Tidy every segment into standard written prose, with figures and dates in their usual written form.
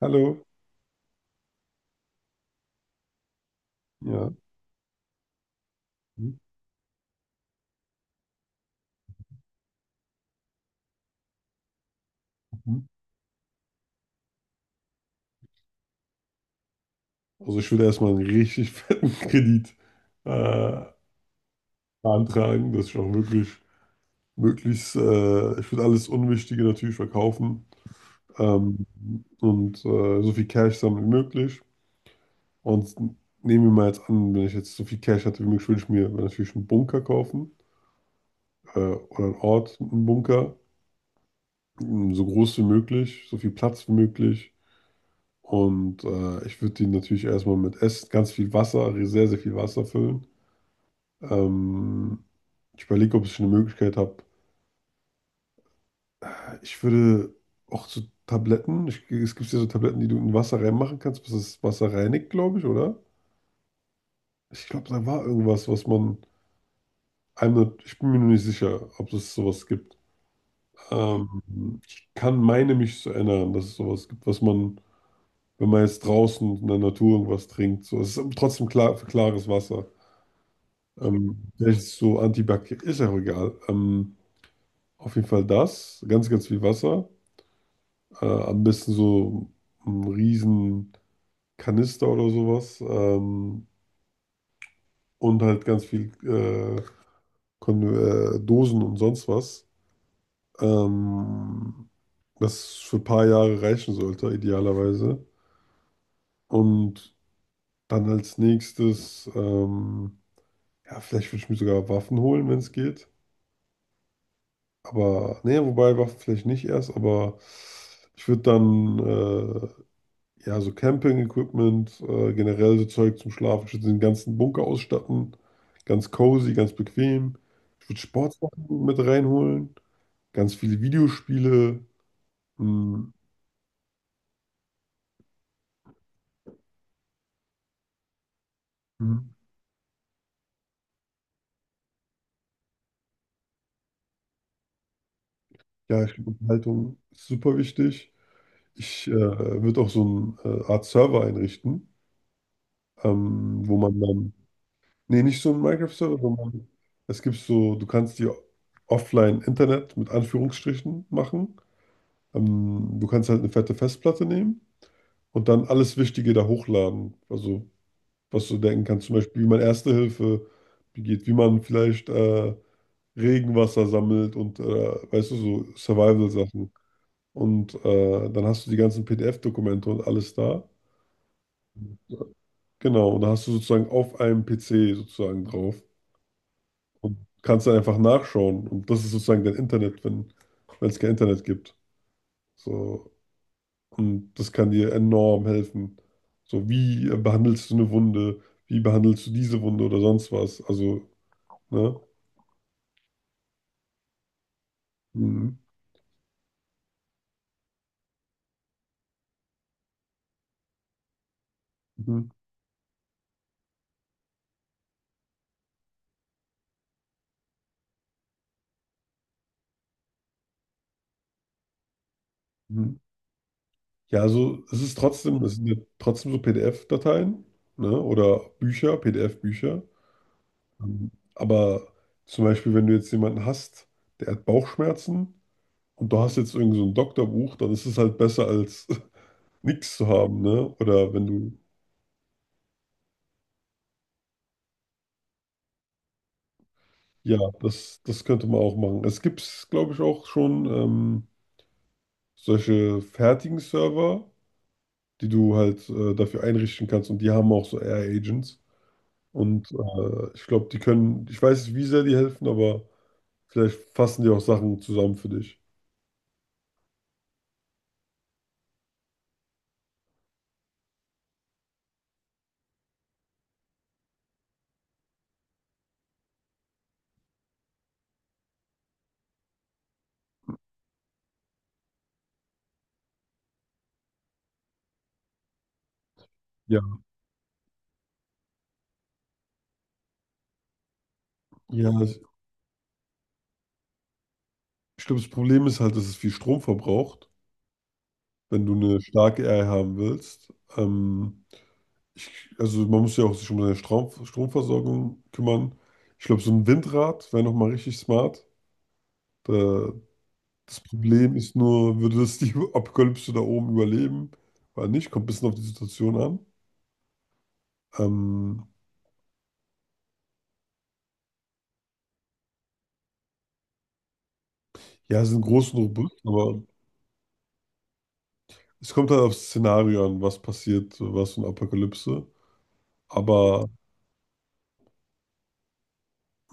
Hallo. Ja. Mhm. Also ich würde erstmal einen richtig fetten Kredit äh, beantragen, dass ich auch wirklich ich würde alles Unwichtige natürlich verkaufen, ähm, und so viel Cash sammeln wie möglich. Und nehmen wir mal jetzt an, wenn ich jetzt so viel Cash hatte wie möglich, würde ich mir natürlich einen Bunker kaufen, oder einen Ort, einen Bunker, so groß wie möglich, so viel Platz wie möglich. Und ich würde den natürlich erstmal mit Essen, ganz viel Wasser, sehr, sehr viel Wasser füllen. Ähm, Ich überlege, ob ich eine Möglichkeit habe. Ich würde auch so Tabletten, ich, es gibt ja so Tabletten, die du in Wasser reinmachen kannst, bis das Wasser reinigt, glaube ich, oder? Ich glaube, da war irgendwas, was man einmal, ich bin mir noch nicht sicher, ob es sowas gibt. Ich kann meine mich zu erinnern, dass es sowas gibt, was man, wenn man jetzt draußen in der Natur irgendwas trinkt, so, es ist trotzdem klar, klares Wasser. Vielleicht ist es so antibakteriell, ist ja auch egal. Auf jeden Fall das, ganz, ganz viel Wasser. Am besten so einen riesen Kanister oder sowas. Und halt ganz viel Kon Dosen und sonst was. Ähm, das für ein paar Jahre reichen sollte, idealerweise. Und dann als nächstes, ja, vielleicht würde ich mir sogar Waffen holen, wenn es geht. Aber, nee, wobei Waffen vielleicht nicht erst, aber ich würde dann, äh, ja, so Camping-Equipment, generell so Zeug zum Schlafen, den ganzen Bunker ausstatten. Ganz cozy, ganz bequem. Ich würde Sportsachen mit reinholen. Ganz viele Videospiele. Mhm. Mhm. Ja, ich glaube, Unterhaltung ist super wichtig. Ich würde auch so eine Art Server einrichten, wo man dann, nee, nicht so ein Minecraft-Server, sondern es gibt so, du kannst dir offline Internet mit Anführungsstrichen machen. Du kannst halt eine fette Festplatte nehmen und dann alles Wichtige da hochladen. Also, was du denken kannst, zum Beispiel, wie man Erste Hilfe begeht, wie man vielleicht Regenwasser sammelt und, weißt du, so Survival-Sachen. Und dann hast du die ganzen PDF-Dokumente und alles da. Genau, und da hast du sozusagen auf einem PC sozusagen drauf. Kannst dann einfach nachschauen und das ist sozusagen dein Internet, wenn wenn es kein Internet gibt. So. Und das kann dir enorm helfen. So, wie behandelst du eine Wunde? Wie behandelst du diese Wunde oder sonst was? Also, ne? Mhm. Mhm. Mhm. Ja, also es ist trotzdem, es sind ja trotzdem so PDF-Dateien, ne? Oder Bücher, PDF-Bücher. Mhm. Aber zum Beispiel, wenn du jetzt jemanden hast, der hat Bauchschmerzen und du hast jetzt irgend so ein Doktorbuch, dann ist es halt besser als nichts zu haben, ne? Oder wenn du, ja, das, das könnte man auch machen. Es gibt, glaube ich, auch schon solche fertigen Server, die du halt dafür einrichten kannst und die haben auch so AI-Agents. Und ich glaube, die können, ich weiß nicht, wie sehr die helfen, aber vielleicht fassen die auch Sachen zusammen für dich. Ja. Ja, ich glaube, das Problem ist halt, dass es viel Strom verbraucht, wenn du eine starke AI haben willst. Ich, also man muss ja auch sich um seine Strom, Stromversorgung kümmern. Ich glaube, so ein Windrad wäre nochmal richtig smart. Da, das Problem ist nur, würde das die Apokalypse da oben überleben? Oder nicht? Kommt ein bisschen auf die Situation an. Ähm, ja, sie sind groß und robust, aber es kommt halt aufs Szenario an, was passiert, was für eine Apokalypse. Aber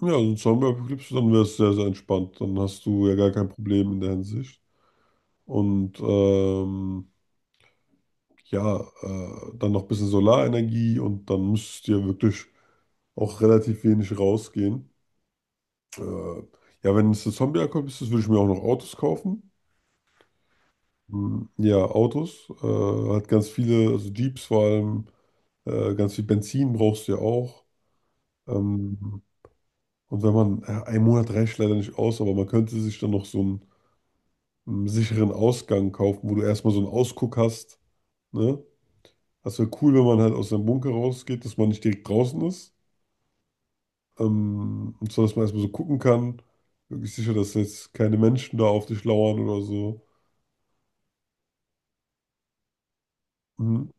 ja, so eine Zombie-Apokalypse, dann wäre es sehr, sehr entspannt. Dann hast du ja gar kein Problem in der Hinsicht. Und ja, dann noch ein bisschen Solarenergie und dann müsstest du ja wirklich auch relativ wenig rausgehen. Äh, ja, wenn es eine Zombie-Apokalypse ist, würde ich mir auch noch Autos kaufen. Hm, ja, Autos. Hat ganz viele, also Jeeps vor allem, ganz viel Benzin brauchst du ja auch. Ähm, und wenn man, ja, ein Monat reicht leider nicht aus, aber man könnte sich dann noch so einen, einen sicheren Ausgang kaufen, wo du erstmal so einen Ausguck hast. Ne? Das wäre cool, wenn man halt aus seinem Bunker rausgeht, dass man nicht direkt draußen ist. Und zwar, dass man erstmal so gucken kann. Wirklich sicher, dass jetzt keine Menschen da auf dich lauern oder so. Mhm.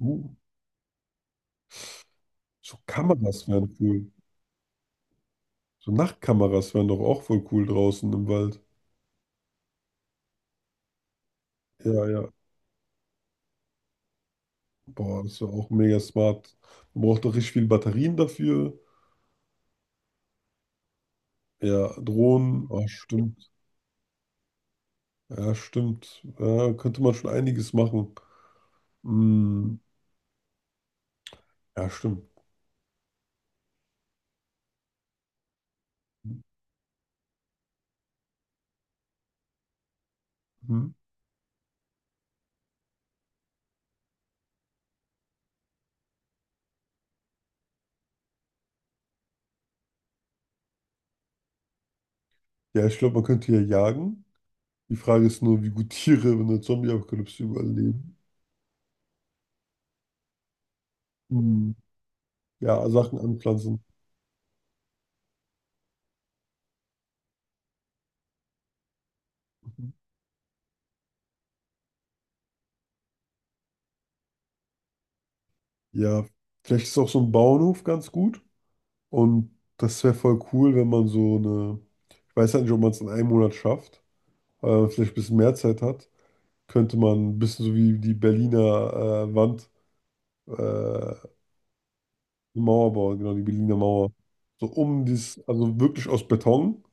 Uh. So Kameras wären cool. So Nachtkameras wären doch auch voll cool draußen im Wald. Ja, ja. Boah, das wäre auch mega smart. Man braucht doch richtig viel Batterien dafür. Ja, Drohnen. Ah, stimmt. Ja, stimmt. Ja, könnte man schon einiges machen. Hm. Ja, stimmt. Hm. Ja, ich glaube, man könnte ja jagen. Die Frage ist nur, wie gut Tiere in der Zombie-Apokalypse überleben. Hm. Ja, Sachen anpflanzen. Mhm. Ja, vielleicht ist auch so ein Bauernhof ganz gut. Und das wäre voll cool, wenn man so eine, ich weiß halt nicht, ob man es in einem Monat schafft, aber wenn man vielleicht ein bisschen mehr Zeit hat, könnte man ein bisschen so wie die Berliner Wand, eine Mauer bauen, genau, die Berliner Mauer. So um dies, also wirklich aus Beton,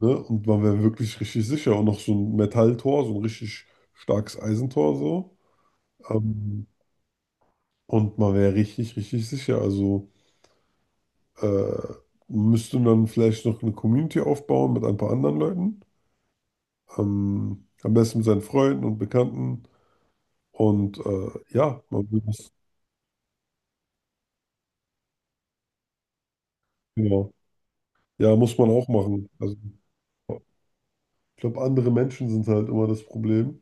ne? Und man wäre wirklich richtig sicher. Und noch so ein Metalltor, so ein richtig starkes Eisentor so. Ähm, und man wäre richtig, richtig sicher. Also äh, müsste dann vielleicht noch eine Community aufbauen mit ein paar anderen Leuten. Am besten mit seinen Freunden und Bekannten. Und ja, man muss, ja, ja, muss man auch machen. Also, ich glaube, andere Menschen sind halt immer das Problem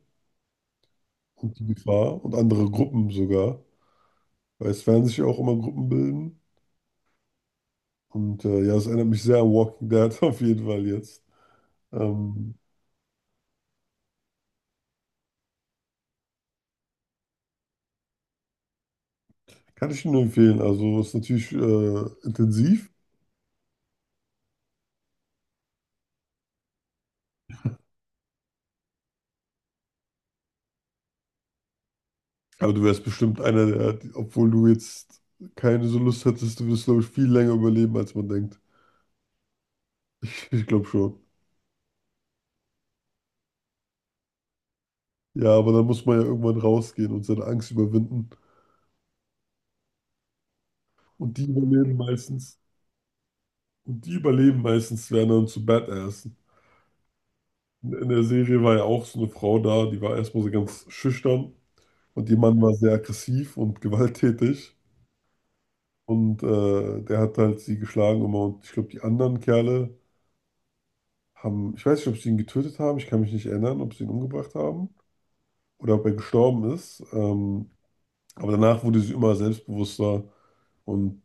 und die Gefahr und andere Gruppen sogar. Weil es werden sich auch immer Gruppen bilden. Und ja, es erinnert mich sehr an Walking Dead auf jeden Fall jetzt. Ähm, kann ich nur empfehlen. Also, es ist natürlich intensiv, aber du wärst bestimmt einer der, obwohl du jetzt keine so Lust hättest, du wirst, glaube ich, viel länger überleben, als man denkt. Ich glaube schon. Ja, aber dann muss man ja irgendwann rausgehen und seine Angst überwinden. Und die überleben meistens. Und die überleben meistens, werden dann zu Badassen. In der Serie war ja auch so eine Frau da, die war erstmal so ganz schüchtern. Und ihr Mann war sehr aggressiv und gewalttätig. Und der hat halt sie geschlagen immer. Und ich glaube, die anderen Kerle haben, ich weiß nicht, ob sie ihn getötet haben. Ich kann mich nicht erinnern, ob sie ihn umgebracht haben oder ob er gestorben ist. Aber danach wurde sie immer selbstbewusster. Und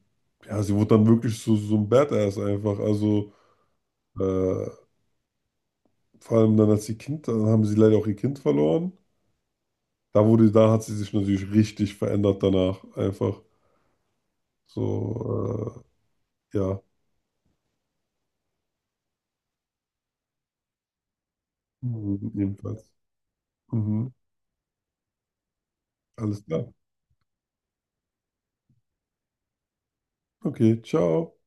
ja, sie wurde dann wirklich so, so ein Badass einfach. Also äh, vor allem dann als sie Kind, dann haben sie leider auch ihr Kind verloren. Da wurde, da hat sie sich natürlich richtig verändert danach. Einfach so, ja. Mhm, jedenfalls. Mhm. Alles klar. Okay, ciao.